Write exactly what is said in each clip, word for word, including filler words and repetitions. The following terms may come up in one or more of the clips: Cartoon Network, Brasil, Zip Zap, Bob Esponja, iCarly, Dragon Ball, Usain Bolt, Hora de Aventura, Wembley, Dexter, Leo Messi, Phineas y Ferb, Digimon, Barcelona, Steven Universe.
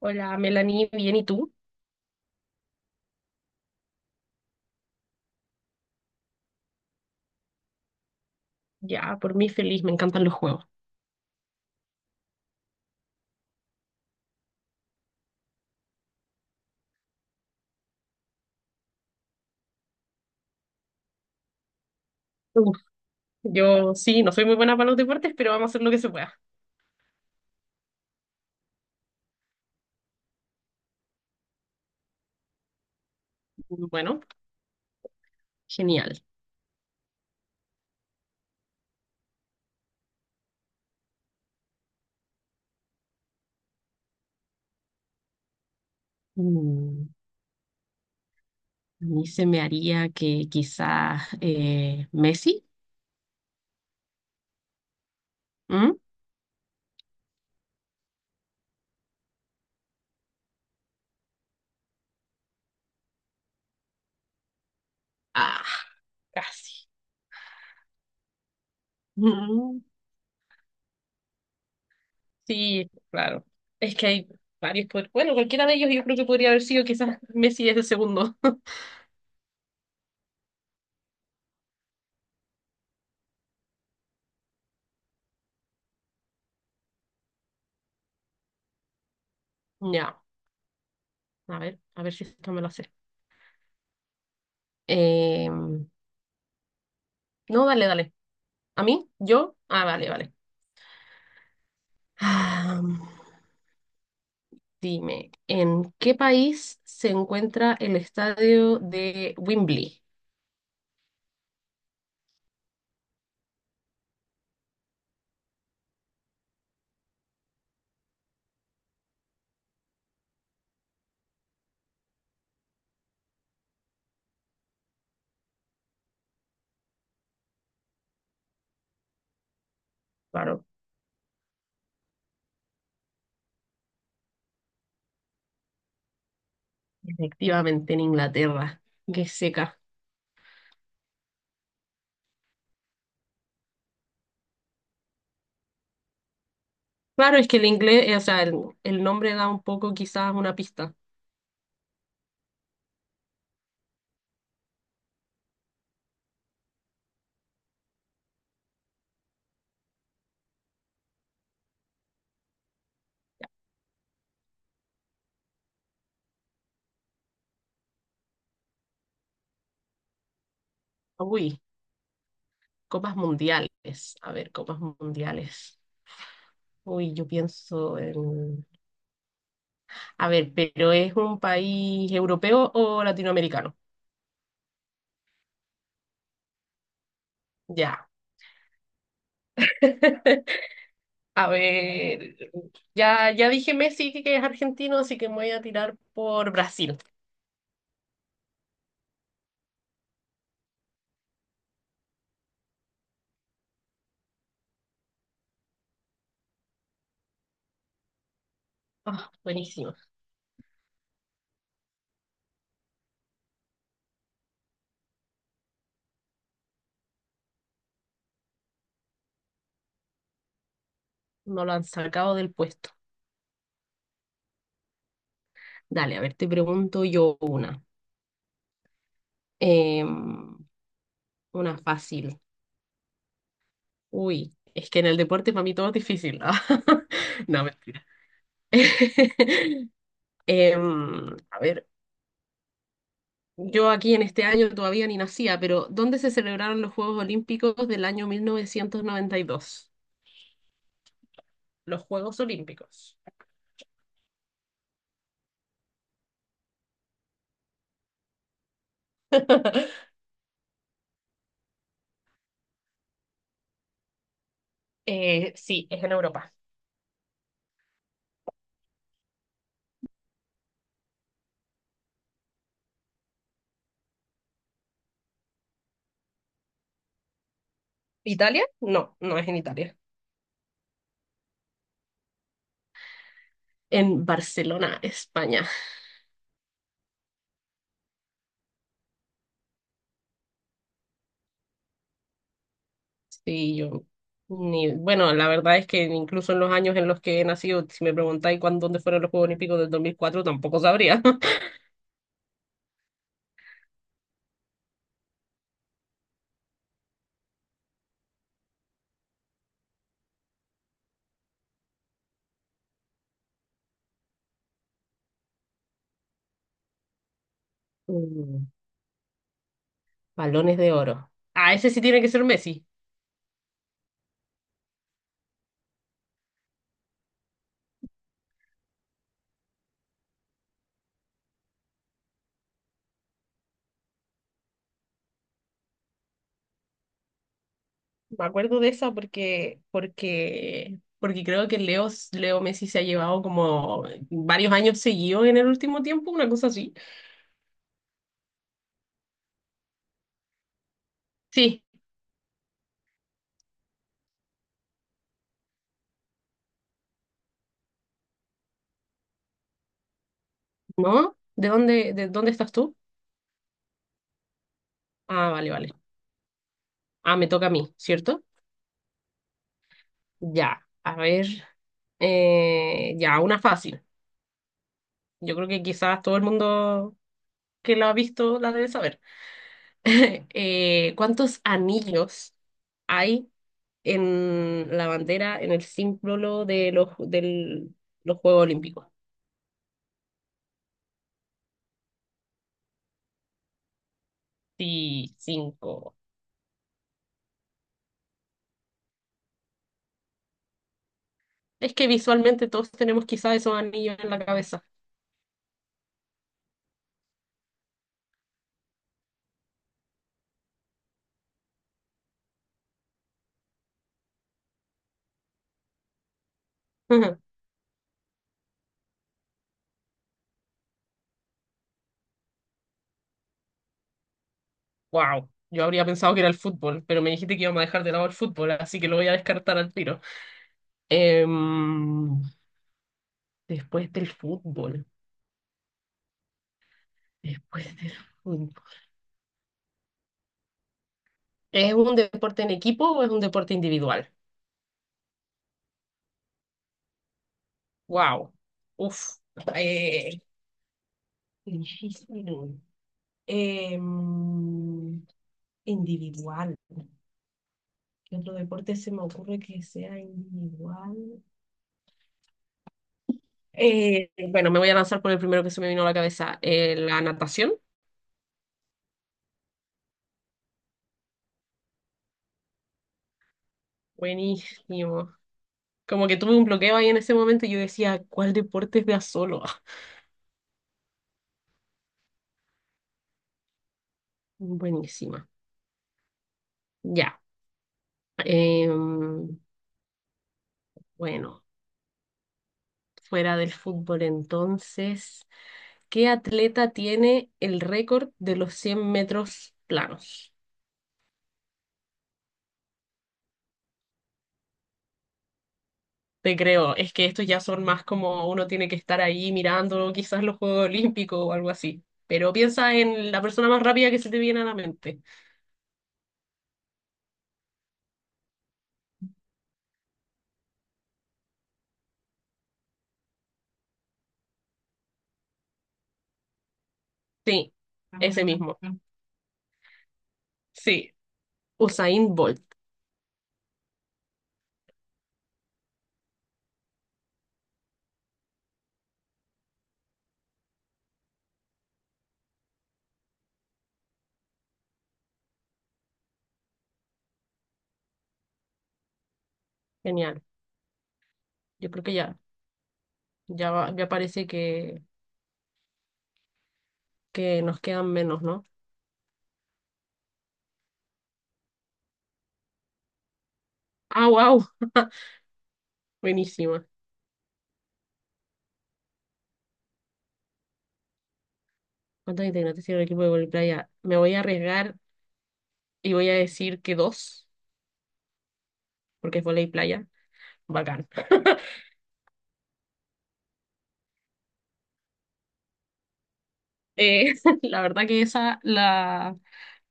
Hola, Melanie, bien, ¿y tú? Ya, por mí feliz, me encantan los juegos. Uf, yo sí, no soy muy buena para los deportes, pero vamos a hacer lo que se pueda. Bueno, genial. Mm, a mí se me haría que quizás eh, Messi. ¿Mm? Ah, casi. Mm, sí, claro. Es que hay varios. pod- Bueno, cualquiera de ellos yo creo que podría haber sido quizás Messi es el segundo. Ya, a ver, a ver si esto me lo hace. Em, no, dale, dale. ¿A mí? ¿Yo? Ah, vale, vale. Ah, dime, ¿en qué país se encuentra el estadio de Wembley? Claro, efectivamente en Inglaterra. Qué seca. Claro, es que el inglés, eh, o sea, el, el nombre da un poco quizás una pista. Uy, copas mundiales. A ver, copas mundiales. Uy, yo pienso en... A ver, ¿pero es un país europeo o latinoamericano? Ya. A ver, ya, ya dije Messi que es argentino, así que me voy a tirar por Brasil. Ah, buenísimo. No lo han sacado del puesto. Dale, a ver, te pregunto yo una. Em, una fácil. Uy, es que en el deporte para mí todo es difícil. No, mentira. Em, a ver, yo aquí en este año todavía ni nacía, pero ¿dónde se celebraron los Juegos Olímpicos del año mil novecientos noventa y dos? Los Juegos Olímpicos. Eh, sí, es en Europa. ¿Italia? No, no es en Italia. En Barcelona, España. Sí, yo. Ni, bueno, la verdad es que incluso en los años en los que he nacido, si me preguntáis cuándo, dónde fueron los Juegos Olímpicos del dos mil cuatro, tampoco sabría. Mm, balones de oro. Ah, ese sí tiene que ser Messi. Me acuerdo de esa porque, porque, porque creo que Leo, Leo Messi se ha llevado como varios años seguidos en el último tiempo, una cosa así. Sí, ¿no? ¿De dónde, de dónde estás tú? Ah, vale, vale. Ah, me toca a mí, ¿cierto? Ya, a ver, eh, ya, una fácil. Yo creo que quizás todo el mundo que la ha visto la debe saber. Eh, ¿cuántos anillos hay en la bandera, en el símbolo de los, del, los Juegos Olímpicos? Sí, cinco. Es que visualmente todos tenemos quizás esos anillos en la cabeza. Wow, yo habría pensado que era el fútbol, pero me dijiste que íbamos a dejar de lado el fútbol, así que lo voy a descartar al tiro. Em, Después del fútbol, después del fútbol. ¿Es un deporte en equipo o es un deporte individual? Wow. Uf. Eh, difícil. Em, Individual. ¿Qué otro deporte se me ocurre que sea individual? Eh, bueno, me voy a lanzar por el primero que se me vino a la cabeza. Eh, la natación. Buenísimo. Como que tuve un bloqueo ahí en ese momento y yo decía, ¿cuál deporte es de a solo? Buenísima. Ya. Em, bueno, fuera del fútbol entonces, ¿qué atleta tiene el récord de los cien metros planos? Te creo, es que estos ya son más como uno tiene que estar ahí mirando quizás los Juegos Olímpicos o algo así, pero piensa en la persona más rápida que se te viene a la mente. Sí, ese mismo. Sí, Usain Bolt. Genial. Yo creo que ya, ya, va- ya parece que, que nos quedan menos, ¿no? Ah, wow, buenísima. ¿Cuántos integrantes tiene el equipo de vóley playa? Me voy a arriesgar y voy a decir que dos, porque es vóley playa. Bacán. Eh, la verdad que esa la,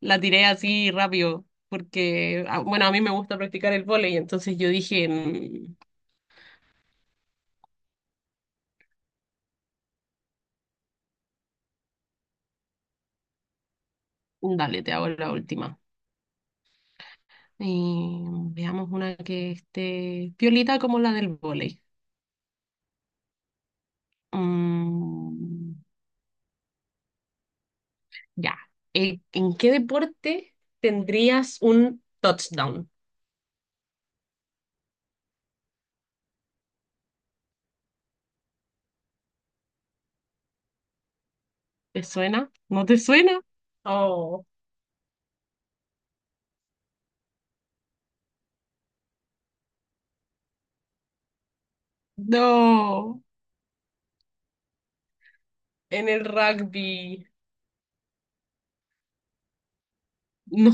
la tiré así rápido, porque, ah, bueno, a mí me gusta practicar el vóley, entonces yo dije, "Mm, dale, te hago la última. Y veamos una que esté piolita como la del vóley. Mm, ya. Eh, ¿en qué deporte tendrías un touchdown? ¿Te suena? ¿No te suena? Oh, no. En el rugby. No.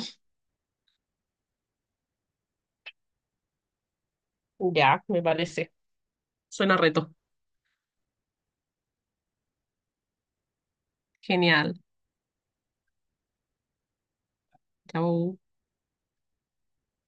Ya, me parece. Suena reto. Genial. Chao.